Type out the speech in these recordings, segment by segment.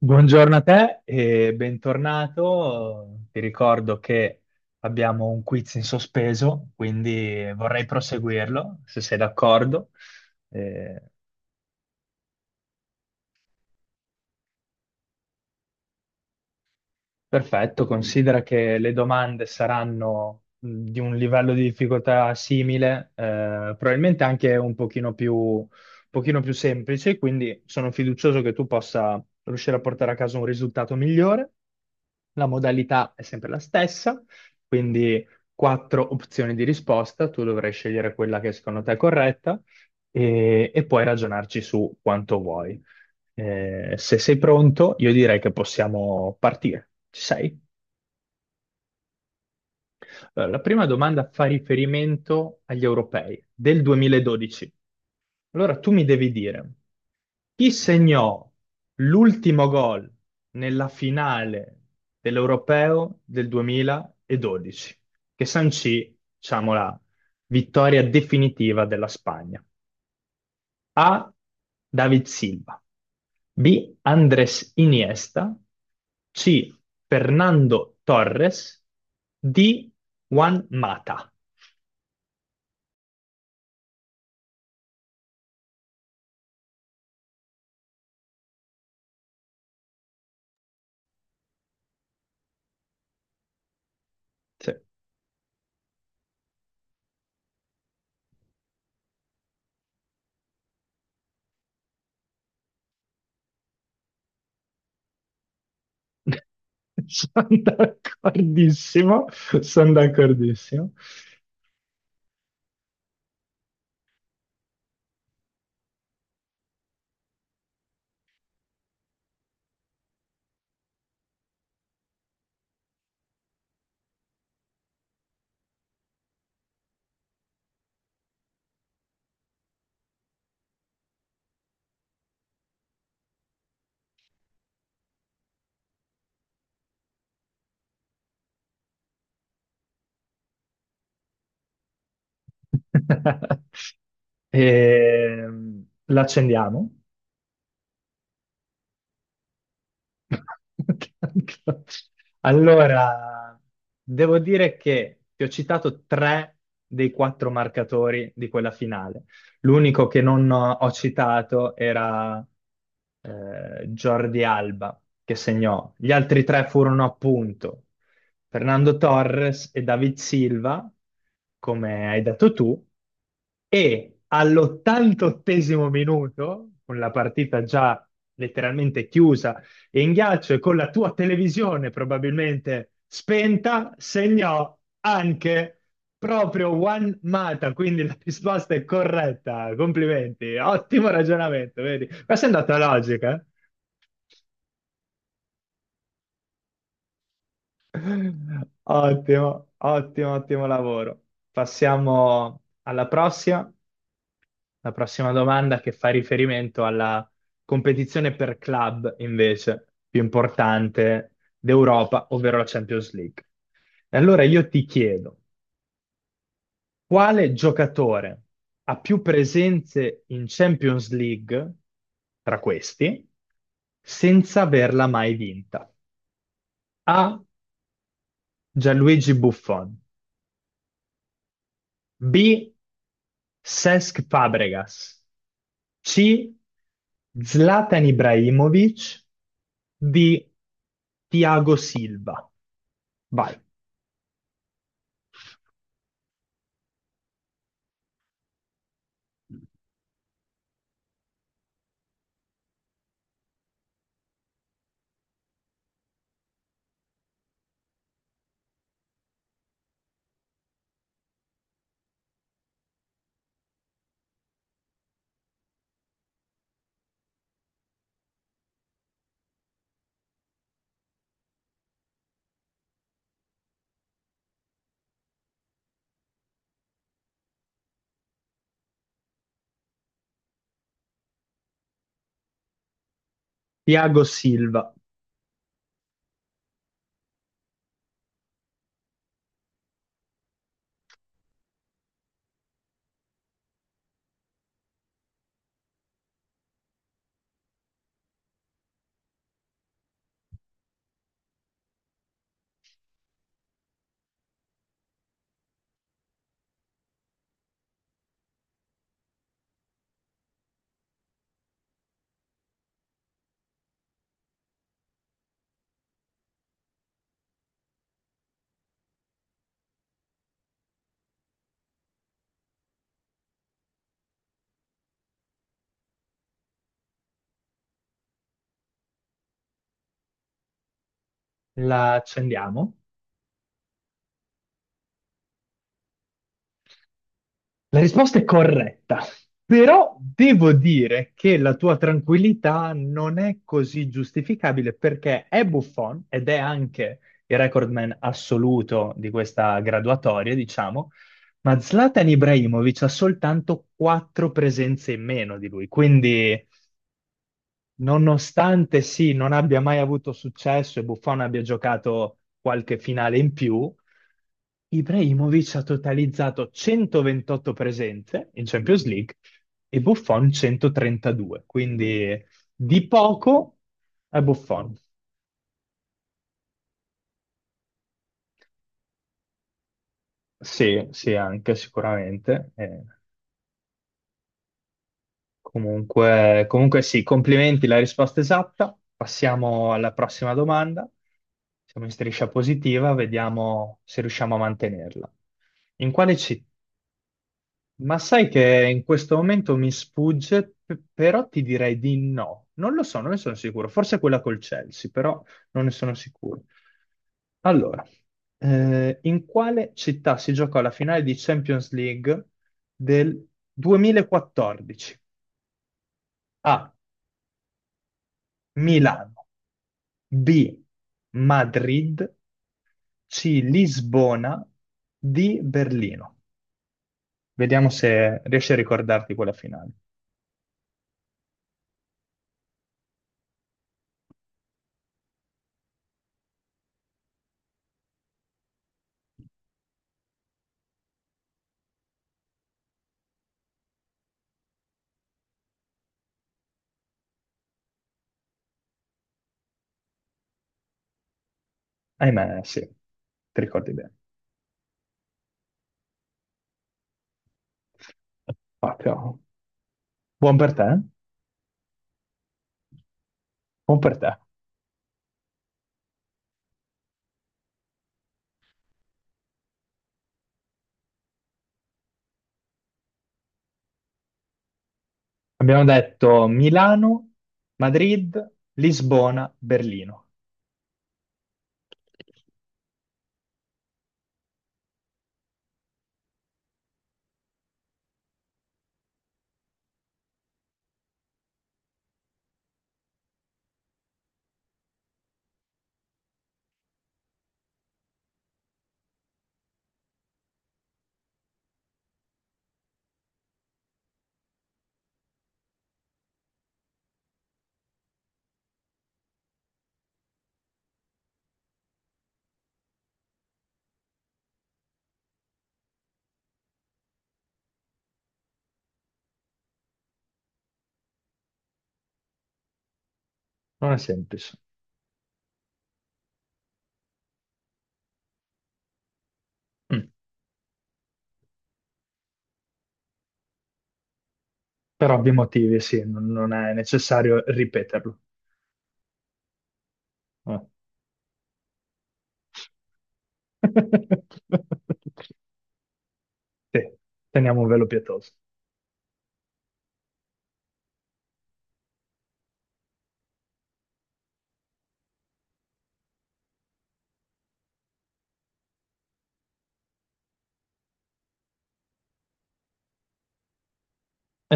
Buongiorno a te e bentornato. Ti ricordo che abbiamo un quiz in sospeso, quindi vorrei proseguirlo, se sei d'accordo. Eh, Perfetto, considera che le domande saranno di un livello di difficoltà simile, probabilmente anche un pochino più semplice, quindi sono fiducioso che tu possa riuscire a portare a casa un risultato migliore. La modalità è sempre la stessa, quindi quattro opzioni di risposta, tu dovrai scegliere quella che secondo te è corretta e puoi ragionarci su quanto vuoi. Se sei pronto, io direi che possiamo partire. Ci sei? Allora, la prima domanda fa riferimento agli europei del 2012. Allora, tu mi devi dire chi segnò l'ultimo gol nella finale dell'Europeo del 2012, che sancì, diciamo, la vittoria definitiva della Spagna. A. David Silva. B. Andres Iniesta. C. Fernando Torres. D. Juan Mata. Sì. Sono d'accordissimo, sono d'accordissimo. L'accendiamo. Tanto. Allora, devo dire che ti ho citato tre dei quattro marcatori di quella finale. L'unico che non ho citato era Jordi Alba, che segnò. Gli altri tre furono appunto Fernando Torres e David Silva, come hai detto tu, e all'88esimo minuto, con la partita già letteralmente chiusa in ghiaccio e con la tua televisione probabilmente spenta, segnò anche proprio Juan Mata, quindi la risposta è corretta. Complimenti, ottimo ragionamento, vedi? Questa è andata logica. Eh? Ottimo, ottimo, ottimo lavoro. Passiamo alla prossima. La prossima domanda che fa riferimento alla competizione per club, invece, più importante d'Europa, ovvero la Champions League. E allora io ti chiedo, quale giocatore ha più presenze in Champions League tra questi senza averla mai vinta? A. Gianluigi Buffon. B. Cesc Fabregas. C. Zlatan Ibrahimovic. D. Thiago Silva. Vai. Thiago Silva. La accendiamo. La risposta è corretta, però devo dire che la tua tranquillità non è così giustificabile perché è Buffon ed è anche il recordman assoluto di questa graduatoria, diciamo, ma Zlatan Ibrahimovic ha soltanto quattro presenze in meno di lui, quindi nonostante sì, non abbia mai avuto successo e Buffon abbia giocato qualche finale in più, Ibrahimovic ha totalizzato 128 presenze in Champions League e Buffon 132, quindi di poco è Buffon. Sì, sì, anche sicuramente. Comunque sì, complimenti, la risposta esatta. Passiamo alla prossima domanda. Siamo in striscia positiva, vediamo se riusciamo a mantenerla. In quale città? Ma sai che in questo momento mi sfugge, però ti direi di no. Non lo so, non ne sono sicuro. Forse quella col Chelsea, però non ne sono sicuro. Allora, in quale città si giocò la finale di Champions League del 2014? A. Milano. B. Madrid. C. Lisbona. D. Berlino. Vediamo se riesci a ricordarti quella finale. Ahimè, sì, ti ricordi bene. Proprio. Buon per te, eh? Buon per te. Abbiamo detto Milano, Madrid, Lisbona, Berlino. Non è semplice. Mm. Per ovvi motivi, sì, non è necessario ripeterlo. Eh. Sì, teniamo un velo pietoso.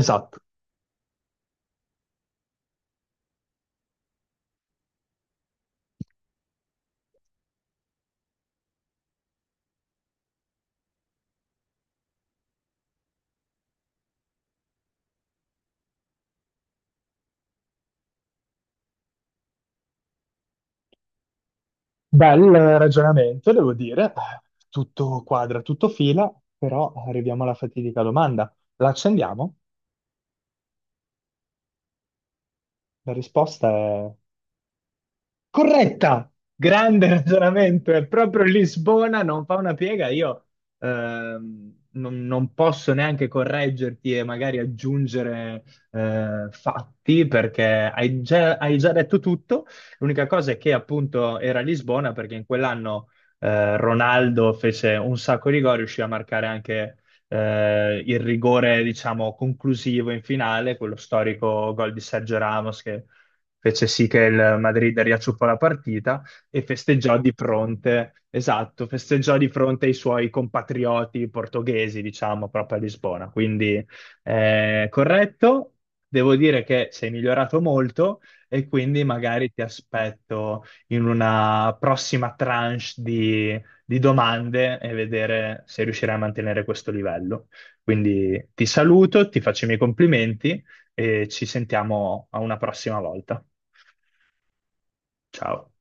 Esatto. Bel ragionamento, devo dire. Tutto quadra, tutto fila, però arriviamo alla fatidica domanda. La accendiamo? La risposta è corretta, grande ragionamento, è proprio Lisbona, non fa una piega, io non posso neanche correggerti e magari aggiungere fatti perché hai già detto tutto, l'unica cosa è che appunto era Lisbona perché in quell'anno Ronaldo fece un sacco di gol, riuscì a marcare anche il rigore diciamo conclusivo in finale, quello storico gol di Sergio Ramos che fece sì che il Madrid riacciuffò la partita e festeggiò di fronte, esatto, festeggiò di fronte ai suoi compatrioti portoghesi, diciamo, proprio a Lisbona. Quindi corretto, devo dire che sei migliorato molto e quindi magari ti aspetto in una prossima tranche di domande e vedere se riuscirai a mantenere questo livello. Quindi ti saluto, ti faccio i miei complimenti e ci sentiamo a una prossima volta. Ciao.